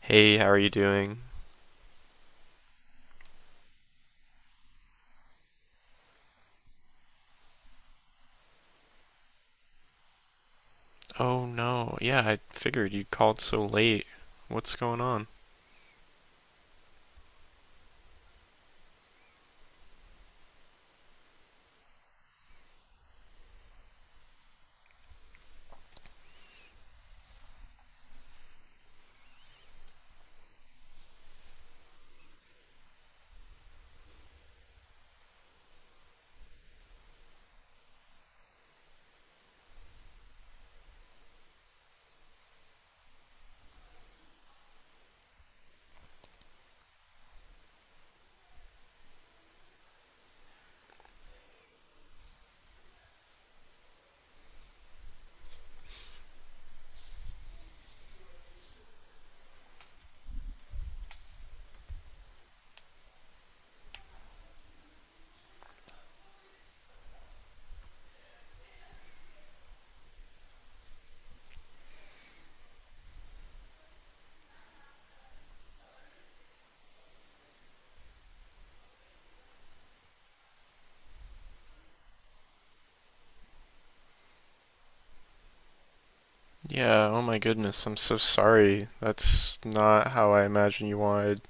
Hey, how are you doing? Oh no, yeah, I figured you called so late. What's going on? Yeah, oh my goodness, I'm so sorry. That's not how I imagined you wanted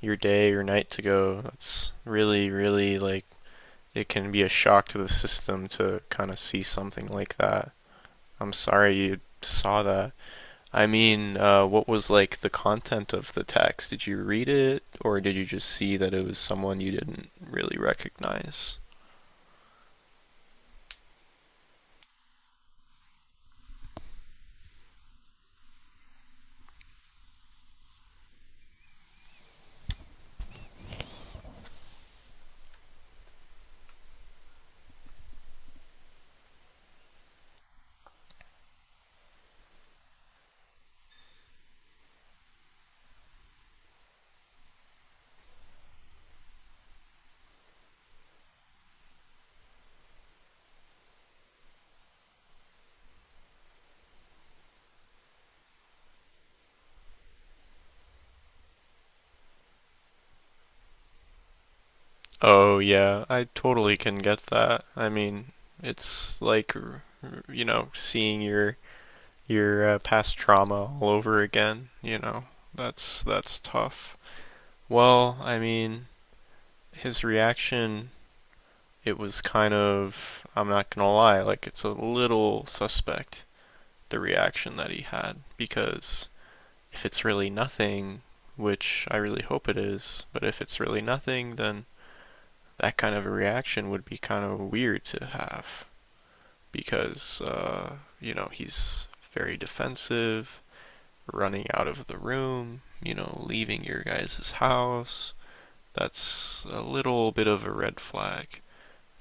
your day or night to go. That's really, really like it can be a shock to the system to kind of see something like that. I'm sorry you saw that. I mean, what was like the content of the text? Did you read it, or did you just see that it was someone you didn't really recognize? Oh yeah, I totally can get that. I mean, it's like seeing your past trauma all over again. That's tough. Well, I mean, his reaction it was kind of I'm not going to lie, like it's a little suspect the reaction that he had because if it's really nothing, which I really hope it is, but if it's really nothing, then that kind of a reaction would be kind of weird to have. Because you know he's very defensive, running out of the room, you know, leaving your guys' house. That's a little bit of a red flag.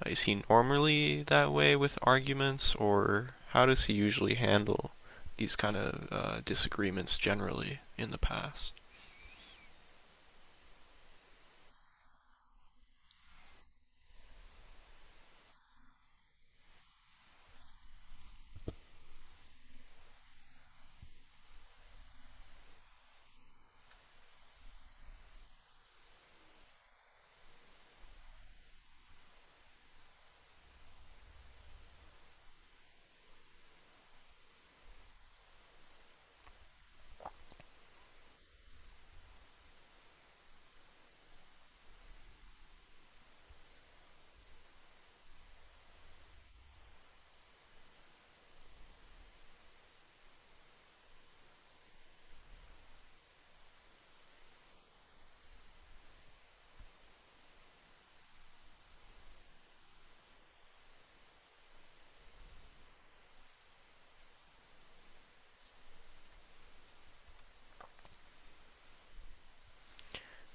Is he normally that way with arguments, or how does he usually handle these kind of disagreements generally in the past?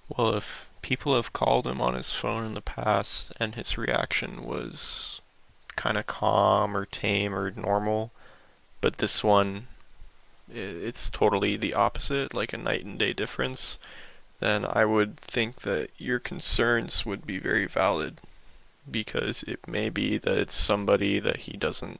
Well, if people have called him on his phone in the past and his reaction was kind of calm or tame or normal, but this one it's totally the opposite, like a night and day difference, then I would think that your concerns would be very valid because it may be that it's somebody that he doesn't,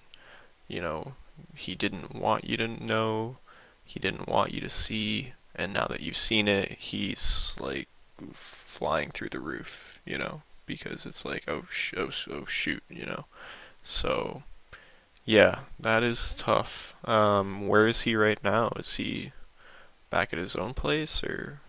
you know, he didn't want you to know, he didn't want you to see, and now that you've seen it, he's like flying through the roof, you know, because it's like, oh, oh, oh shoot. So, yeah, that is tough. Where is he right now? Is he back at his own place, or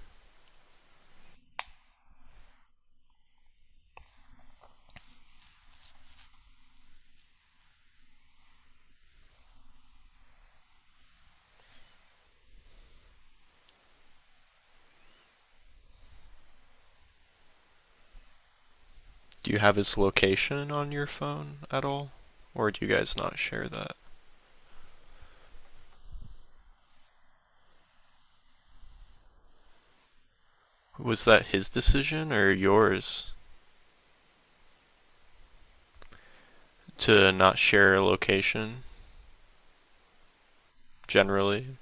do you have his location on your phone at all? Or do you guys not share that? Was that his decision or yours to not share a location generally?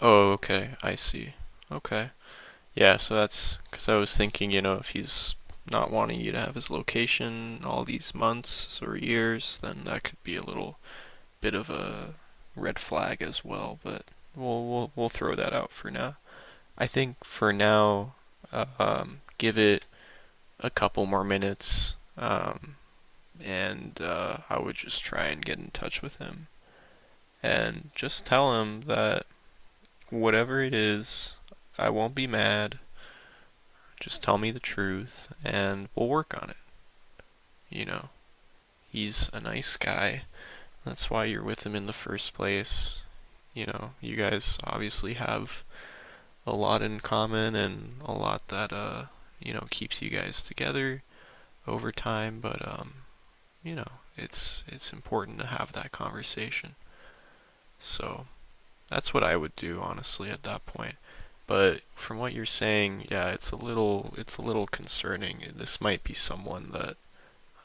Oh, okay, I see. Okay. Yeah, so that's because I was thinking, you know, if he's not wanting you to have his location all these months or years, then that could be a little bit of a red flag as well, but we'll throw that out for now. I think for now, give it a couple more minutes, and I would just try and get in touch with him and just tell him that whatever it is, I won't be mad. Just tell me the truth, and we'll work on it. You know, he's a nice guy. That's why you're with him in the first place. You know, you guys obviously have a lot in common and a lot that you know keeps you guys together over time, but you know, it's important to have that conversation. So that's what I would do honestly at that point. But from what you're saying, yeah, it's a little concerning. This might be someone that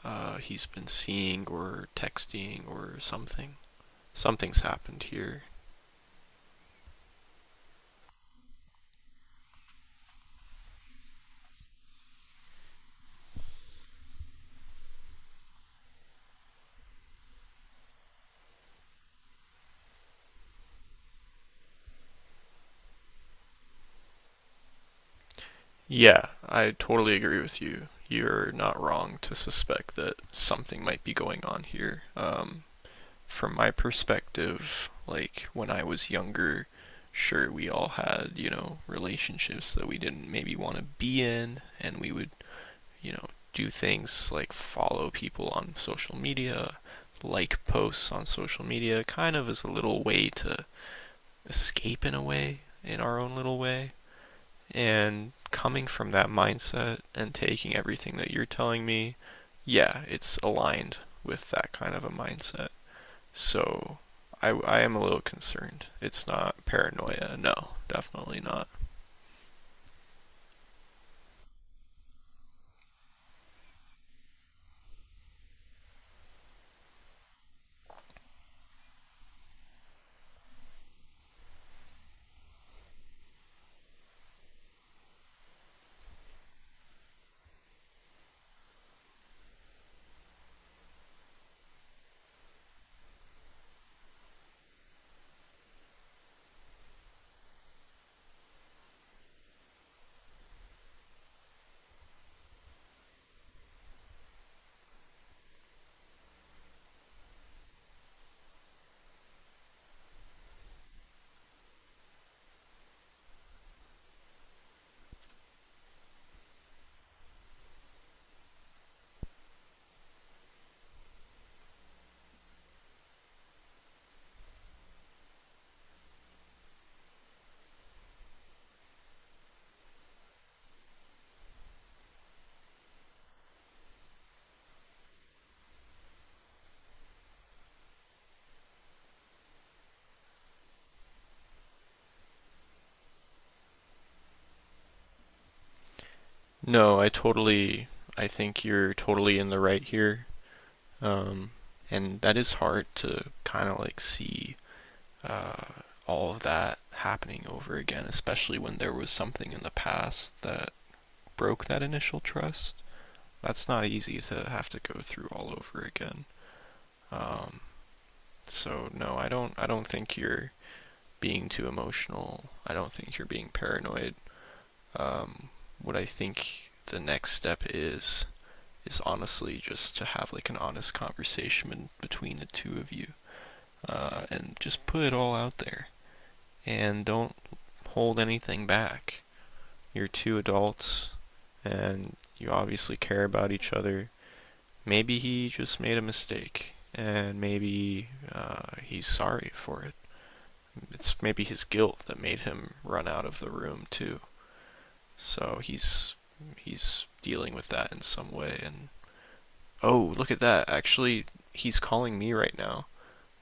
he's been seeing or texting or something. Something's happened here. Yeah, I totally agree with you. You're not wrong to suspect that something might be going on here. From my perspective, like when I was younger, sure we all had, you know, relationships that we didn't maybe want to be in and we would, you know, do things like follow people on social media, like posts on social media kind of as a little way to escape in a way, in our own little way. And coming from that mindset and taking everything that you're telling me, yeah, it's aligned with that kind of a mindset. So I am a little concerned. It's not paranoia. No, definitely not. No, I totally. I think you're totally in the right here. Um, and that is hard to kind of like see uh, all of that happening over again, especially when there was something in the past that broke that initial trust. That's not easy to have to go through all over again. Um, so no, I don't. I don't think you're being too emotional. I don't think you're being paranoid. um, what I think the next step is honestly just to have like an honest conversation between the two of you and just put it all out there and don't hold anything back. You're two adults and you obviously care about each other. Maybe he just made a mistake and maybe he's sorry for it. It's maybe his guilt that made him run out of the room too. So he's dealing with that in some way. And oh, look at that! Actually, he's calling me right now.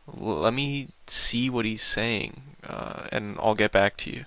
Let me see what he's saying, and I'll get back to you.